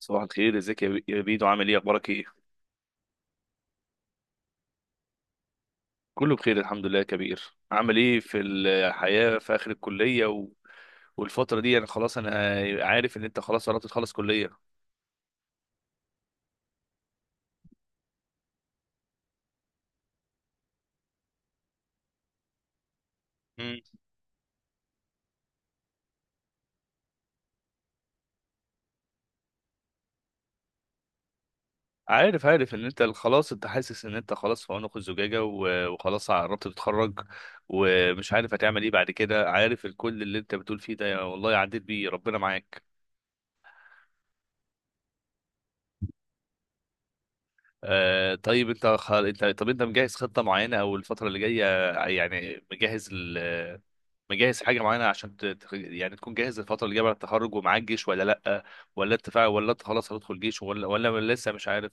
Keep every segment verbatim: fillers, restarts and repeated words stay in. صباح الخير، ازيك يا بي- يا بيدو؟ عامل ايه؟ اخبارك ايه؟ كله بخير الحمد لله يا كبير. عامل ايه في الحياة، في اخر الكلية و... والفترة دي، انا خلاص انا عارف ان انت خلاص قربت تخلص كلية. مم. عارف عارف ان انت خلاص، انت حاسس ان انت خلاص في عنق الزجاجة و... وخلاص قربت تتخرج ومش عارف هتعمل ايه بعد كده. عارف الكل اللي انت بتقول فيه ده، يا والله عديت بيه، ربنا معاك. آه طيب، انت خ... انت طب انت مجهز خطة معينة او الفترة اللي جاية؟ يعني مجهز مجهز حاجه معينه عشان ت... ت- يعني تكون جاهز الفتره اللي جايه بعد التخرج؟ ومعاك جيش ولا لا؟ ولا انت فا- ولا انت خلاص هتدخل جيش ولا ولا لسه مش عارف؟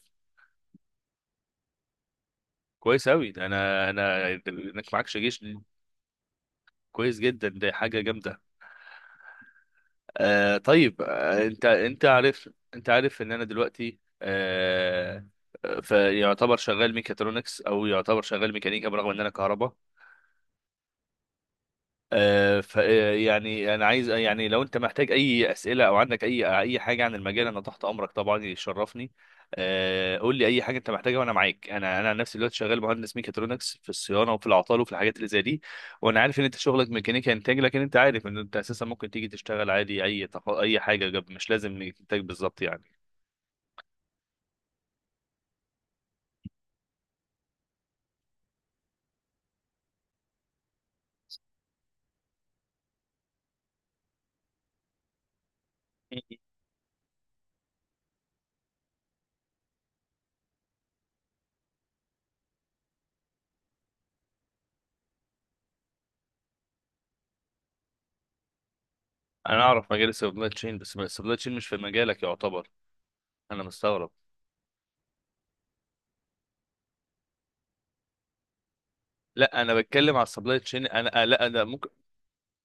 كويس قوي، انا انا انك معكش جيش دي كويس جدا، دي حاجه جامده. آه طيب، آه انت انت عارف، انت عارف ان انا دلوقتي آه فيعتبر شغال ميكاترونكس او يعتبر شغال ميكانيكا برغم ان انا كهرباء. فيعني انا عايز، يعني لو انت محتاج اي اسئله او عندك اي اي حاجه عن المجال انا تحت امرك طبعا، يشرفني. آه، قول لي اي حاجه انت محتاجها وانا معاك. انا انا عن نفسي دلوقتي شغال مهندس ميكاترونكس في الصيانه وفي العطال وفي الحاجات اللي زي دي. وانا عارف ان انت شغلك ميكانيكا انتاج، لكن انت عارف ان انت اساسا ممكن تيجي تشتغل عادي، اي تخ... اي حاجه جنب- مش لازم انتاج بالظبط يعني. انا اعرف مجال السبلاي تشين، بس السبلاي تشين مش في مجالك يعتبر. انا مستغرب. لا انا بتكلم على السبلاي تشين، انا آه، لا انا ممكن،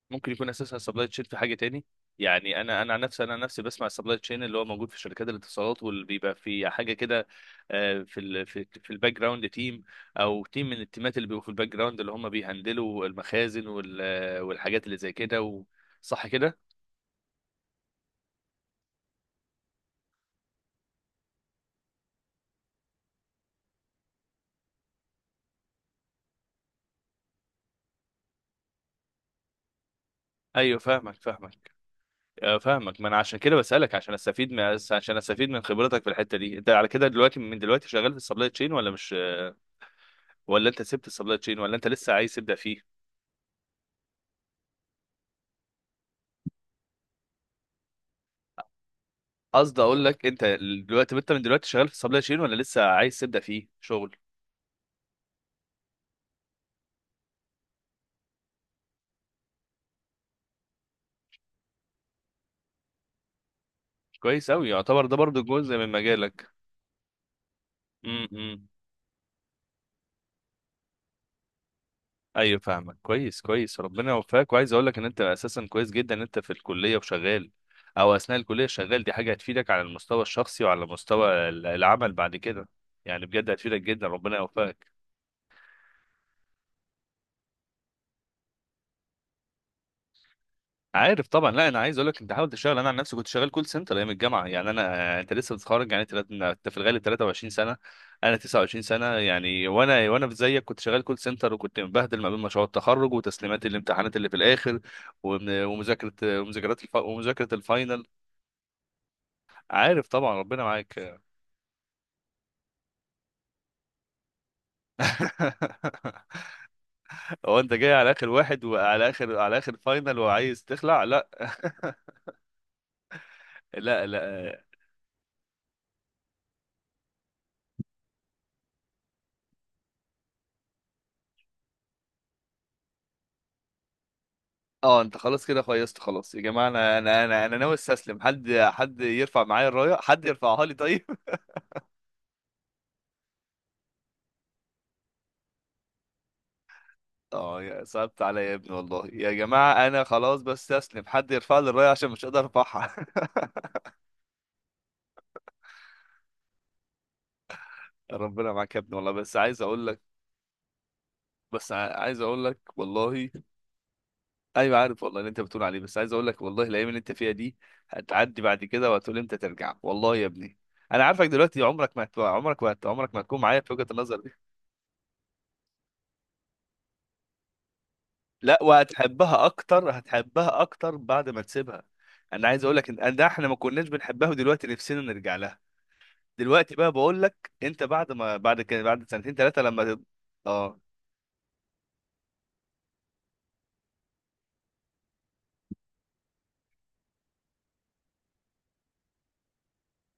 ممكن يكون اساسها السبلاي تشين في حاجه تاني. يعني انا انا عن نفسي انا عن نفسي بسمع السبلاي تشين اللي هو موجود في شركات الاتصالات واللي بيبقى في حاجه كده، آه، في ال في في الباك جراوند تيم، او تيم من التيمات اللي بيبقوا في الباك جراوند اللي هم بيهندلوا المخازن وال آه، والحاجات اللي زي كده و... صح كده؟ ايوه فاهمك فاهمك، آه، فاهمك، ما انا عشان كده بسالك عشان استفيد من، عشان استفيد من خبرتك في الحته دي. انت على كده دلوقتي، من دلوقتي شغال في السبلاي تشين ولا مش، ولا انت سبت السبلاي تشين، ولا انت لسه عايز تبدا فيه؟ قصدي اقول لك انت دلوقتي، انت من دلوقتي شغال في السبلاي تشين ولا لسه عايز تبدا فيه شغل؟ كويس اوي، يعتبر ده برضو جزء من مجالك. امم. ايوه فاهمك كويس كويس، ربنا يوفقك. وعايز اقول لك ان انت اساسا كويس جدا ان انت في الكليه وشغال، او اثناء الكليه شغال، دي حاجه هتفيدك على المستوى الشخصي وعلى مستوى ال- العمل بعد كده. يعني بجد هتفيدك جدا، ربنا يوفقك. عارف طبعا، لا انا عايز اقول لك انت حاول تشتغل. انا عن نفسي كنت شغال كول سنتر ايام الجامعه يعني. انا انت لسه متخرج يعني، تلات- انت في الغالب تلاتة وعشرين سنه، انا تسعة وعشرين سنه يعني. وانا وانا في زيك كنت شغال كول سنتر وكنت مبهدل ما بين مشروع التخرج وتسليمات الامتحانات اللي في الاخر ومن- ومذاكره ومذاكرات الف... ومذاكره الفاينل. عارف طبعا، ربنا معاك. هو انت جاي على اخر واحد وعلى اخر على اخر فاينل، وعايز تخلع؟ لا. لا لا. اه انت خلاص كده فيصت. خلاص يا جماعه، انا انا انا انا ناوي استسلم، حد حد يرفع معايا الرايه، حد يرفعها لي، طيب. اه يا صعبت عليا يا ابني، والله يا جماعه انا خلاص بستسلم، حد يرفع لي الرايه عشان مش قادر ارفعها. ربنا معاك يا ابني والله، بس عايز اقول لك، بس ع- عايز اقول لك والله، ايوه عارف والله اللي انت بتقول عليه، بس عايز اقول لك والله، الايام اللي انت فيها دي هتعدي بعد كده وهتقول امتى ترجع، والله يا ابني. انا عارفك دلوقتي، عمرك ما هت- عمرك ما هت- عمرك ما هتكون معايا في وجهه النظر. لا وهتحبها اكتر، هتحبها اكتر بعد ما تسيبها. انا عايز اقول لك ان ده احنا ما كناش بنحبها ودلوقتي نفسنا نرجع لها. دلوقتي بقى بقول لك انت، بعد ما، بعد كده، بعد سنتين ثلاثه، لما تب- اه.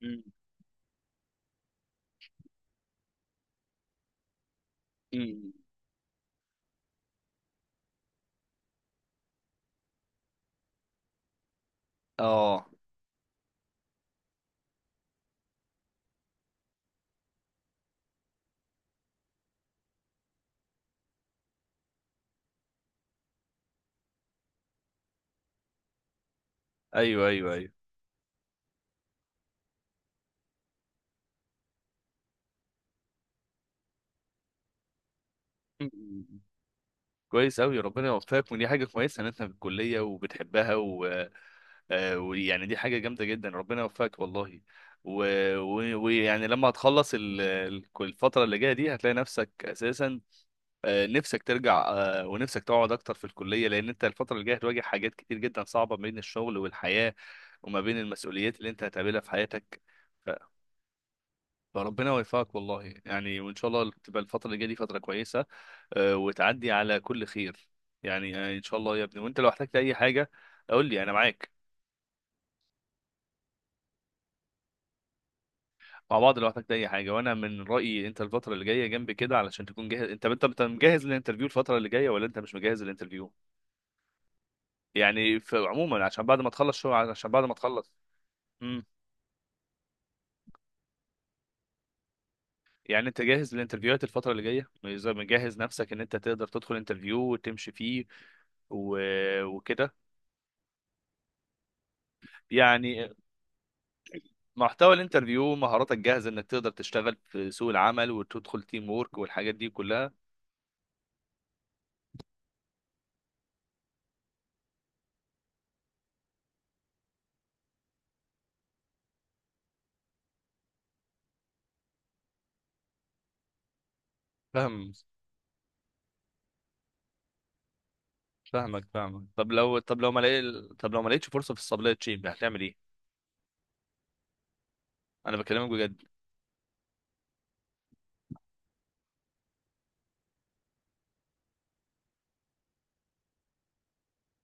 أمم، أمم. اه ايوه ايوه ايوه. أمم، أمم. كويس قوي، ربنا يوفقك. ودي حاجه كويسه ان انت في الكليه وبتحبها و... آه، ويعني دي حاجه جامده جدا، ربنا يوفقك والله. و- و- ويعني لما هتخلص ال- ال- الفتره اللي جايه دي هتلاقي نفسك اساسا، آه، نفسك ترجع، آه، ونفسك تقعد اكتر في الكليه، لان انت الفتره اللي جايه هتواجه حاجات كتير جدا صعبه ما بين الشغل والحياه، وما بين المسؤوليات اللي انت هتقابلها في حياتك. ف- فربنا يوفقك والله يعني، وان شاء الله تبقى الفتره اللي جايه دي فتره كويسه، آه، وتعدي على كل خير. يعني آه، ان شاء الله يا ابني. وانت لو احتجت اي حاجه قول لي، انا معاك. مع بعض لو احتجت اي حاجه. وانا من رايي انت الفتره اللي جايه جنبي كده علشان تكون جاهز. انت انت أنت مجهز للانترفيو الفتره اللي جايه ولا انت مش مجهز للانترفيو؟ يعني في عموما عشان بعد ما تخلص، شو عشان بعد ما تخلص. امم. يعني انت جاهز للانترفيوهات الفترة اللي جاية، زي مجهز نفسك ان انت تقدر تدخل انترفيو وتمشي فيه و... وكده يعني. محتوى الانترفيو، مهاراتك جاهزة انك تقدر تشتغل في سوق العمل وتدخل تيم وورك والحاجات دي كلها؟ فاهم. فاهمك فاهمك، طب لو، طب لو ما لقي... طب لو ما لقيتش فرصة في السبلاي تشين هتعمل ايه؟ انا بكلمك بجد.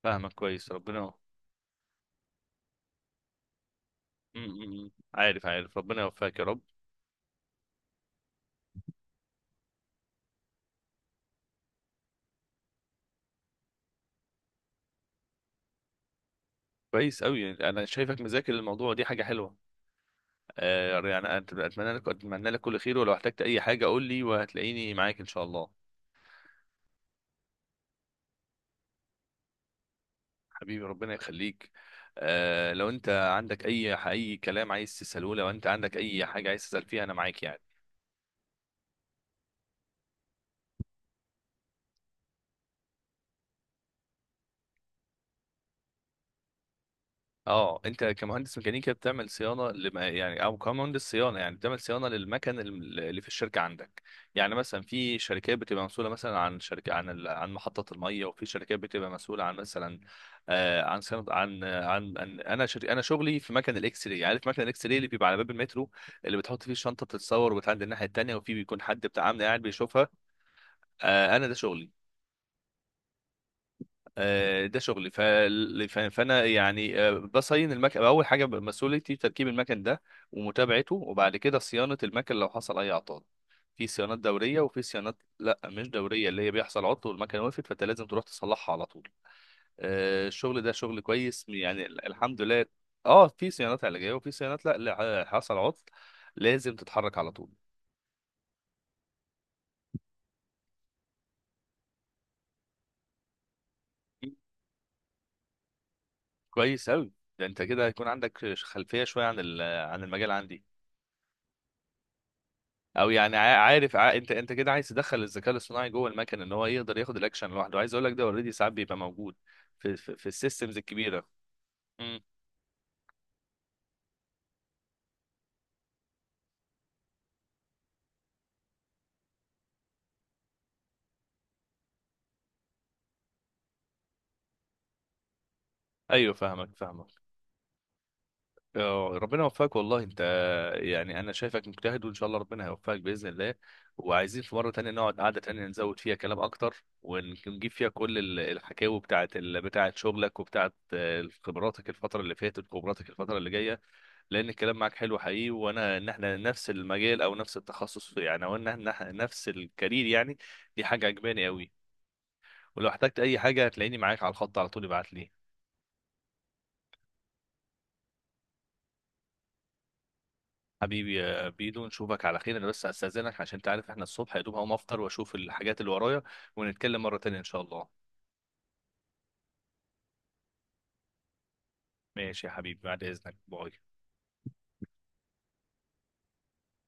فاهمك كويس، ربنا. أمم، أمم. عارف عارف ربنا يوفقك يا رب. كويس قوي، انا شايفك مذاكر الموضوع، دي حاجه حلوه. آه يعني أت- اتمنى لك اتمنى لك كل خير، ولو احتجت اي حاجه قول لي وهتلاقيني معاك ان شاء الله. حبيبي ربنا يخليك. آه لو انت عندك اي اي كلام عايز تساله، لو انت عندك اي حاجه عايز تسال فيها انا معاك يعني. اه انت كمهندس ميكانيكا بتعمل صيانه لما يعني، او كمهندس صيانه يعني بتعمل صيانه للمكن، الم- اللي في الشركه عندك. يعني مثلا في شركات بتبقى مسؤوله مثلا عن شركه عن ال- عن محطه الميه، وفي شركات بتبقى مسؤوله عن مثلا، آه، عن صيانه، عن عن عن- انا شر... انا شغلي في مكن الاكس راي. عارف مكن الاكس راي اللي بيبقى على باب المترو، اللي بتحط فيه الشنطه بتتصور وبتعدي الناحيه التانيه وفي بيكون حد بتاع امن قاعد بيشوفها؟ آه، انا ده شغلي. آه، ده شغلي ف... ف- فانا يعني آه، بصين المكن، اول حاجه مسؤوليتي تركيب المكن ده ومتابعته، وبعد كده صيانه المكن لو حصل اي اعطال. في صيانات دوريه وفي صيانات لا مش دوريه، اللي هي بيحصل عطل والمكنه وقفت فانت لازم تروح تصلحها على طول. آه، الشغل ده شغل كويس يعني، ال- الحمد لله. اه في صيانات علاجيه وفي صيانات لا، لا حصل عطل لازم تتحرك على طول. كويس قوي. ده انت كده هيكون عندك خلفيه شويه عن ال- عن المجال عندي. او يعني عا- عارف عا... انت انت كده عايز تدخل الذكاء الاصطناعي جوه المكن ان هو يقدر ياخد الاكشن لوحده. عايز اقول لك ده اوريدي ساعات بيبقى موجود في في, في السيستمز الكبيره. امم. ايوه فاهمك فاهمك، آه، ربنا يوفقك والله. انت يعني انا شايفك مجتهد، وان شاء الله ربنا هيوفقك باذن الله. وعايزين في مره تانية نقعد قعده تانية نزود فيها كلام اكتر، ونجيب فيها كل ال- الحكاوي بتاعت ال... بتاعت شغلك وبتاعت آه، خبراتك الفتره اللي فاتت وخبراتك الفتره اللي جايه، لان الكلام معاك حلو حقيقي، وانا ان احنا نفس المجال او نفس التخصص في يعني، او ان احنا إحنا نفس الكارير يعني. دي حاجه عجباني قوي. ولو احتجت اي حاجه هتلاقيني معاك على الخط على طول، ابعت لي. حبيبي يا بيدو، نشوفك على خير. انا بس استاذنك، عشان تعرف احنا الصبح، يا دوب هقوم افطر واشوف الحاجات اللي ورايا، ونتكلم مره تانية ان شاء الله. ماشي يا حبيبي، بعد اذنك، باي.